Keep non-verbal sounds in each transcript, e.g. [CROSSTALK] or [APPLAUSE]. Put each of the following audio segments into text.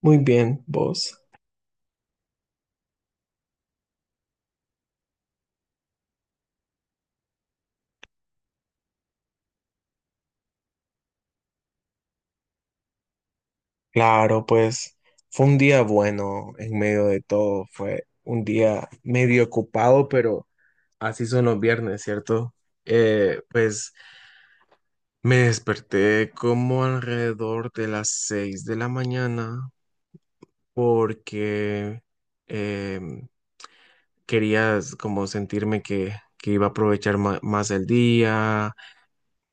Muy bien, vos. Claro, pues fue un día bueno en medio de todo. Fue un día medio ocupado, pero así son los viernes, ¿cierto? Eh, pues me desperté como alrededor de las 6 de la mañana porque eh, quería como sentirme que iba a aprovechar más el día.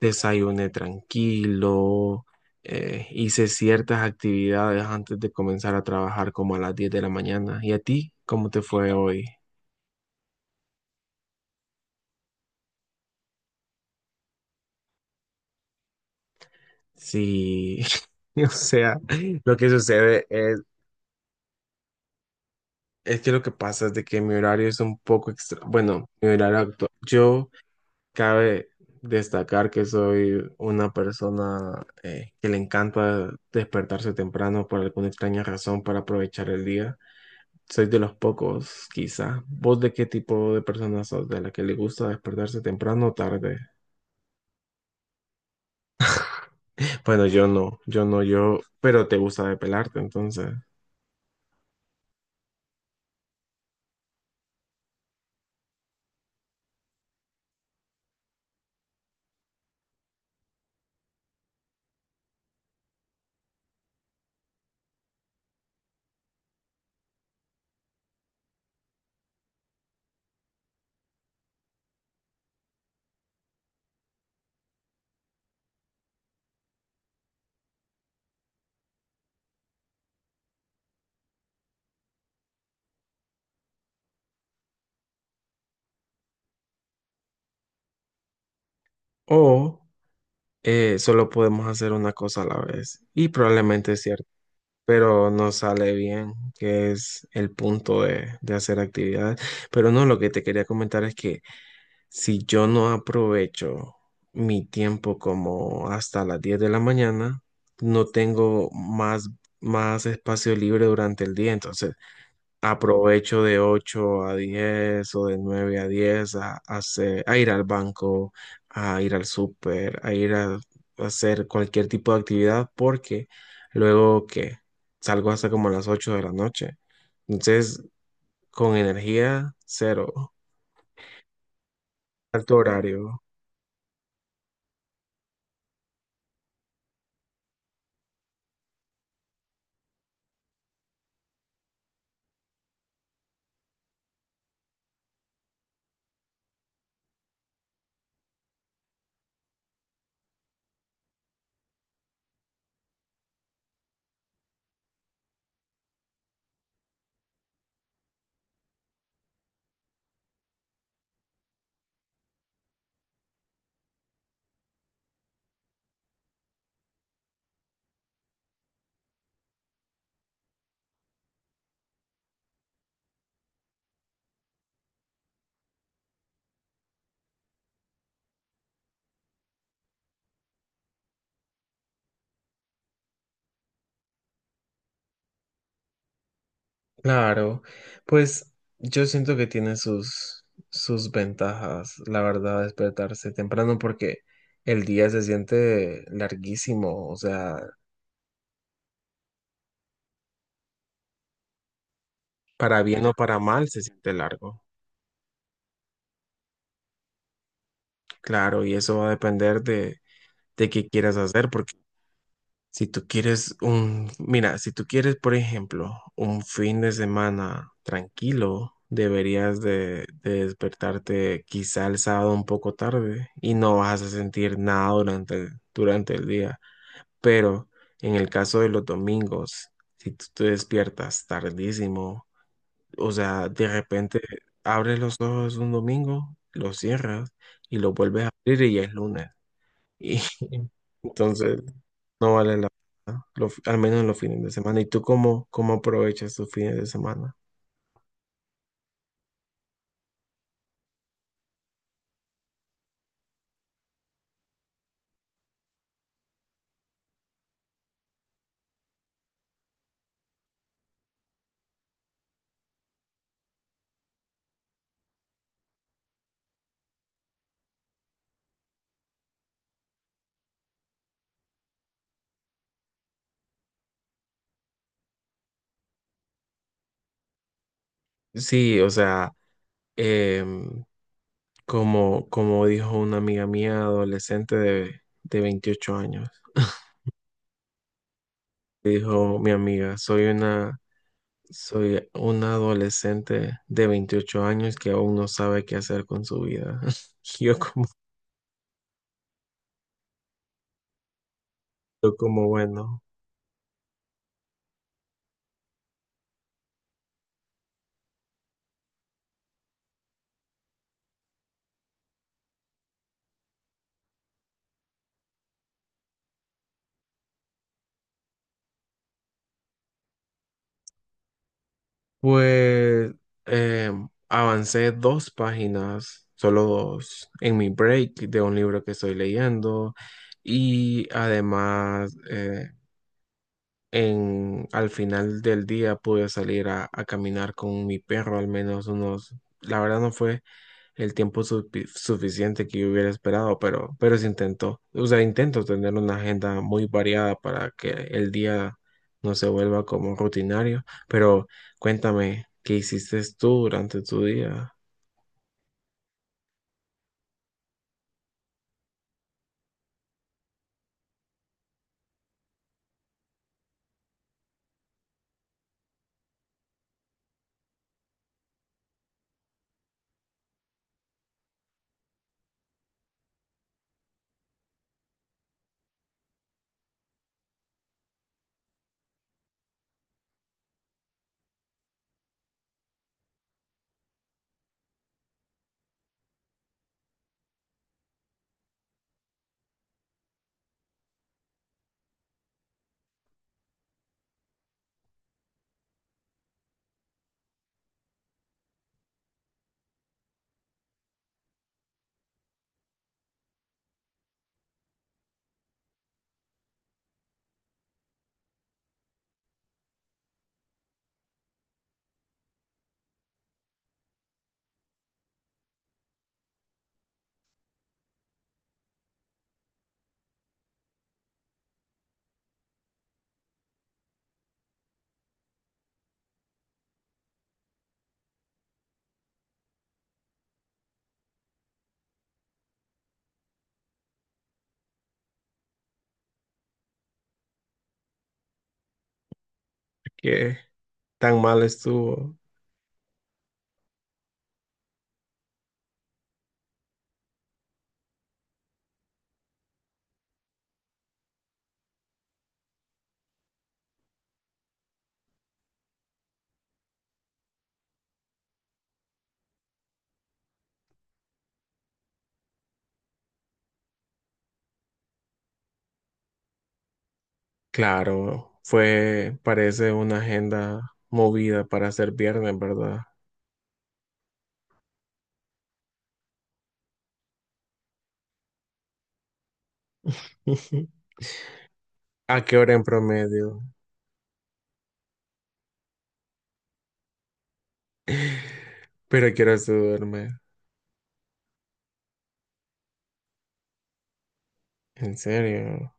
Desayuné tranquilo, hice ciertas actividades antes de comenzar a trabajar como a las 10 de la mañana. ¿Y a ti? ¿Cómo te fue hoy? Sí, [LAUGHS] o sea, lo que sucede es que lo que pasa es de que mi horario es un poco extra, bueno, mi horario actual, yo cabe destacar que soy una persona que le encanta despertarse temprano por alguna extraña razón para aprovechar el día. Soy de los pocos, quizás. ¿Vos de qué tipo de persona sos? ¿De la que le gusta despertarse temprano o tarde? Bueno, yo no, yo no, yo, pero te gusta depelarte, entonces. O solo podemos hacer una cosa a la vez. Y probablemente es cierto, pero no sale bien, que es el punto de hacer actividades. Pero no, lo que te quería comentar es que si yo no aprovecho mi tiempo como hasta las 10 de la mañana, no tengo más espacio libre durante el día. Entonces, aprovecho de 8 a 10 o de 9 a 10 a a ir al banco, a ir al súper, a hacer cualquier tipo de actividad porque luego que salgo hasta como a las 8 de la noche. Entonces, con energía, cero. Alto horario. Claro, pues yo siento que tiene sus ventajas, la verdad, despertarse temprano porque el día se siente larguísimo, o sea, para bien o para mal se siente largo. Claro, y eso va a depender de qué quieras hacer, porque si tú quieres un, mira, si tú quieres, por ejemplo, un fin de semana tranquilo, deberías de despertarte quizá el sábado un poco tarde y no vas a sentir nada durante el día. Pero en el caso de los domingos, si tú te despiertas tardísimo, o sea, de repente abres los ojos un domingo, los cierras y los vuelves a abrir y ya es lunes. [LAUGHS] Y entonces no vale la pena, al menos en los fines de semana. ¿Y tú cómo, cómo aprovechas tus fines de semana? Sí, o sea, em, como, como dijo una amiga mía adolescente de 28 años, [LAUGHS] dijo mi amiga, soy una adolescente de 28 años que aún no sabe qué hacer con su vida. [LAUGHS] Yo como, yo como, bueno. Pues eh, avancé 2 páginas, solo dos, en mi break de un libro que estoy leyendo y además al final del día pude salir a caminar con mi perro al menos unos, la verdad no fue el tiempo suficiente que yo hubiera esperado, pero se intentó. O sea, intento tener una agenda muy variada para que el día no se vuelva como rutinario. Pero cuéntame, ¿qué hiciste tú durante tu día? ¿Qué tan mal estuvo? Claro, fue, parece una agenda movida para ser viernes, ¿verdad? [LAUGHS] ¿A qué hora en promedio? [LAUGHS] Pero quiero duerme. En serio.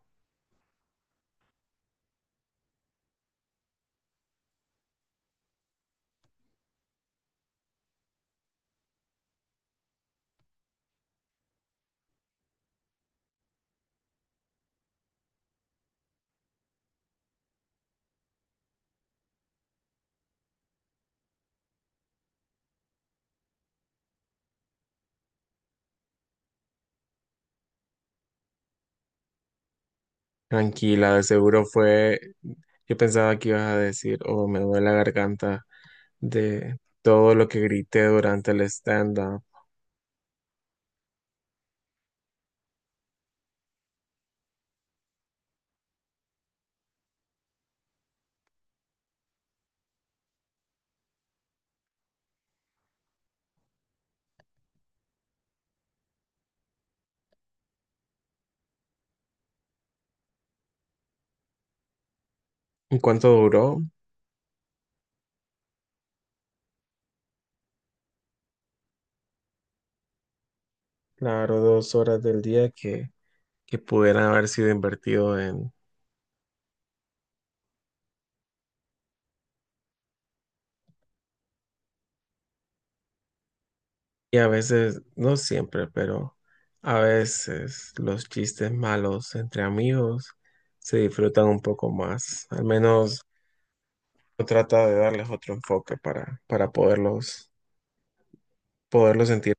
Tranquila, de seguro fue. Yo pensaba que ibas a decir, oh, me duele la garganta de todo lo que grité durante el stand-up. ¿Y cuánto duró? Claro, 2 horas del día que pudieran haber sido invertido en. Y a veces, no siempre, pero a veces los chistes malos entre amigos se disfrutan un poco más. Al menos uno trata de darles otro enfoque para poderlos sentir.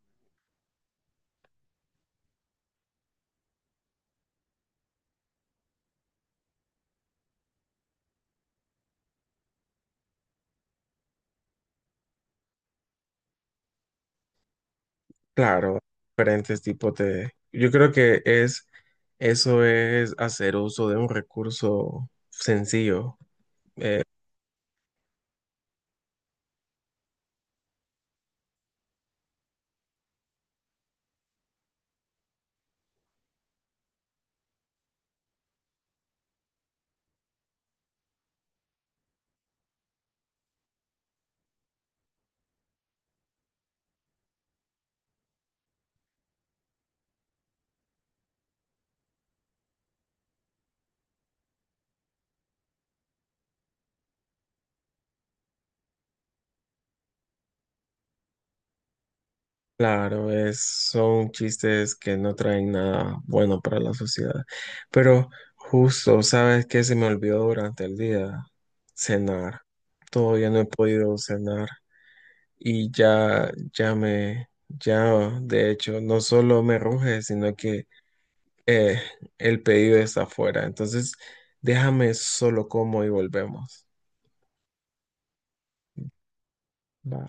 Claro, diferentes tipos de... Yo creo que es eso es hacer uso de un recurso sencillo. Eh, claro, es, son chistes que no traen nada bueno para la sociedad. Pero justo, ¿sabes qué se me olvidó durante el día? Cenar. Todavía no he podido cenar ya, de hecho, no solo me ruge, sino que Eh, el pedido está afuera, entonces déjame solo como y volvemos. Va.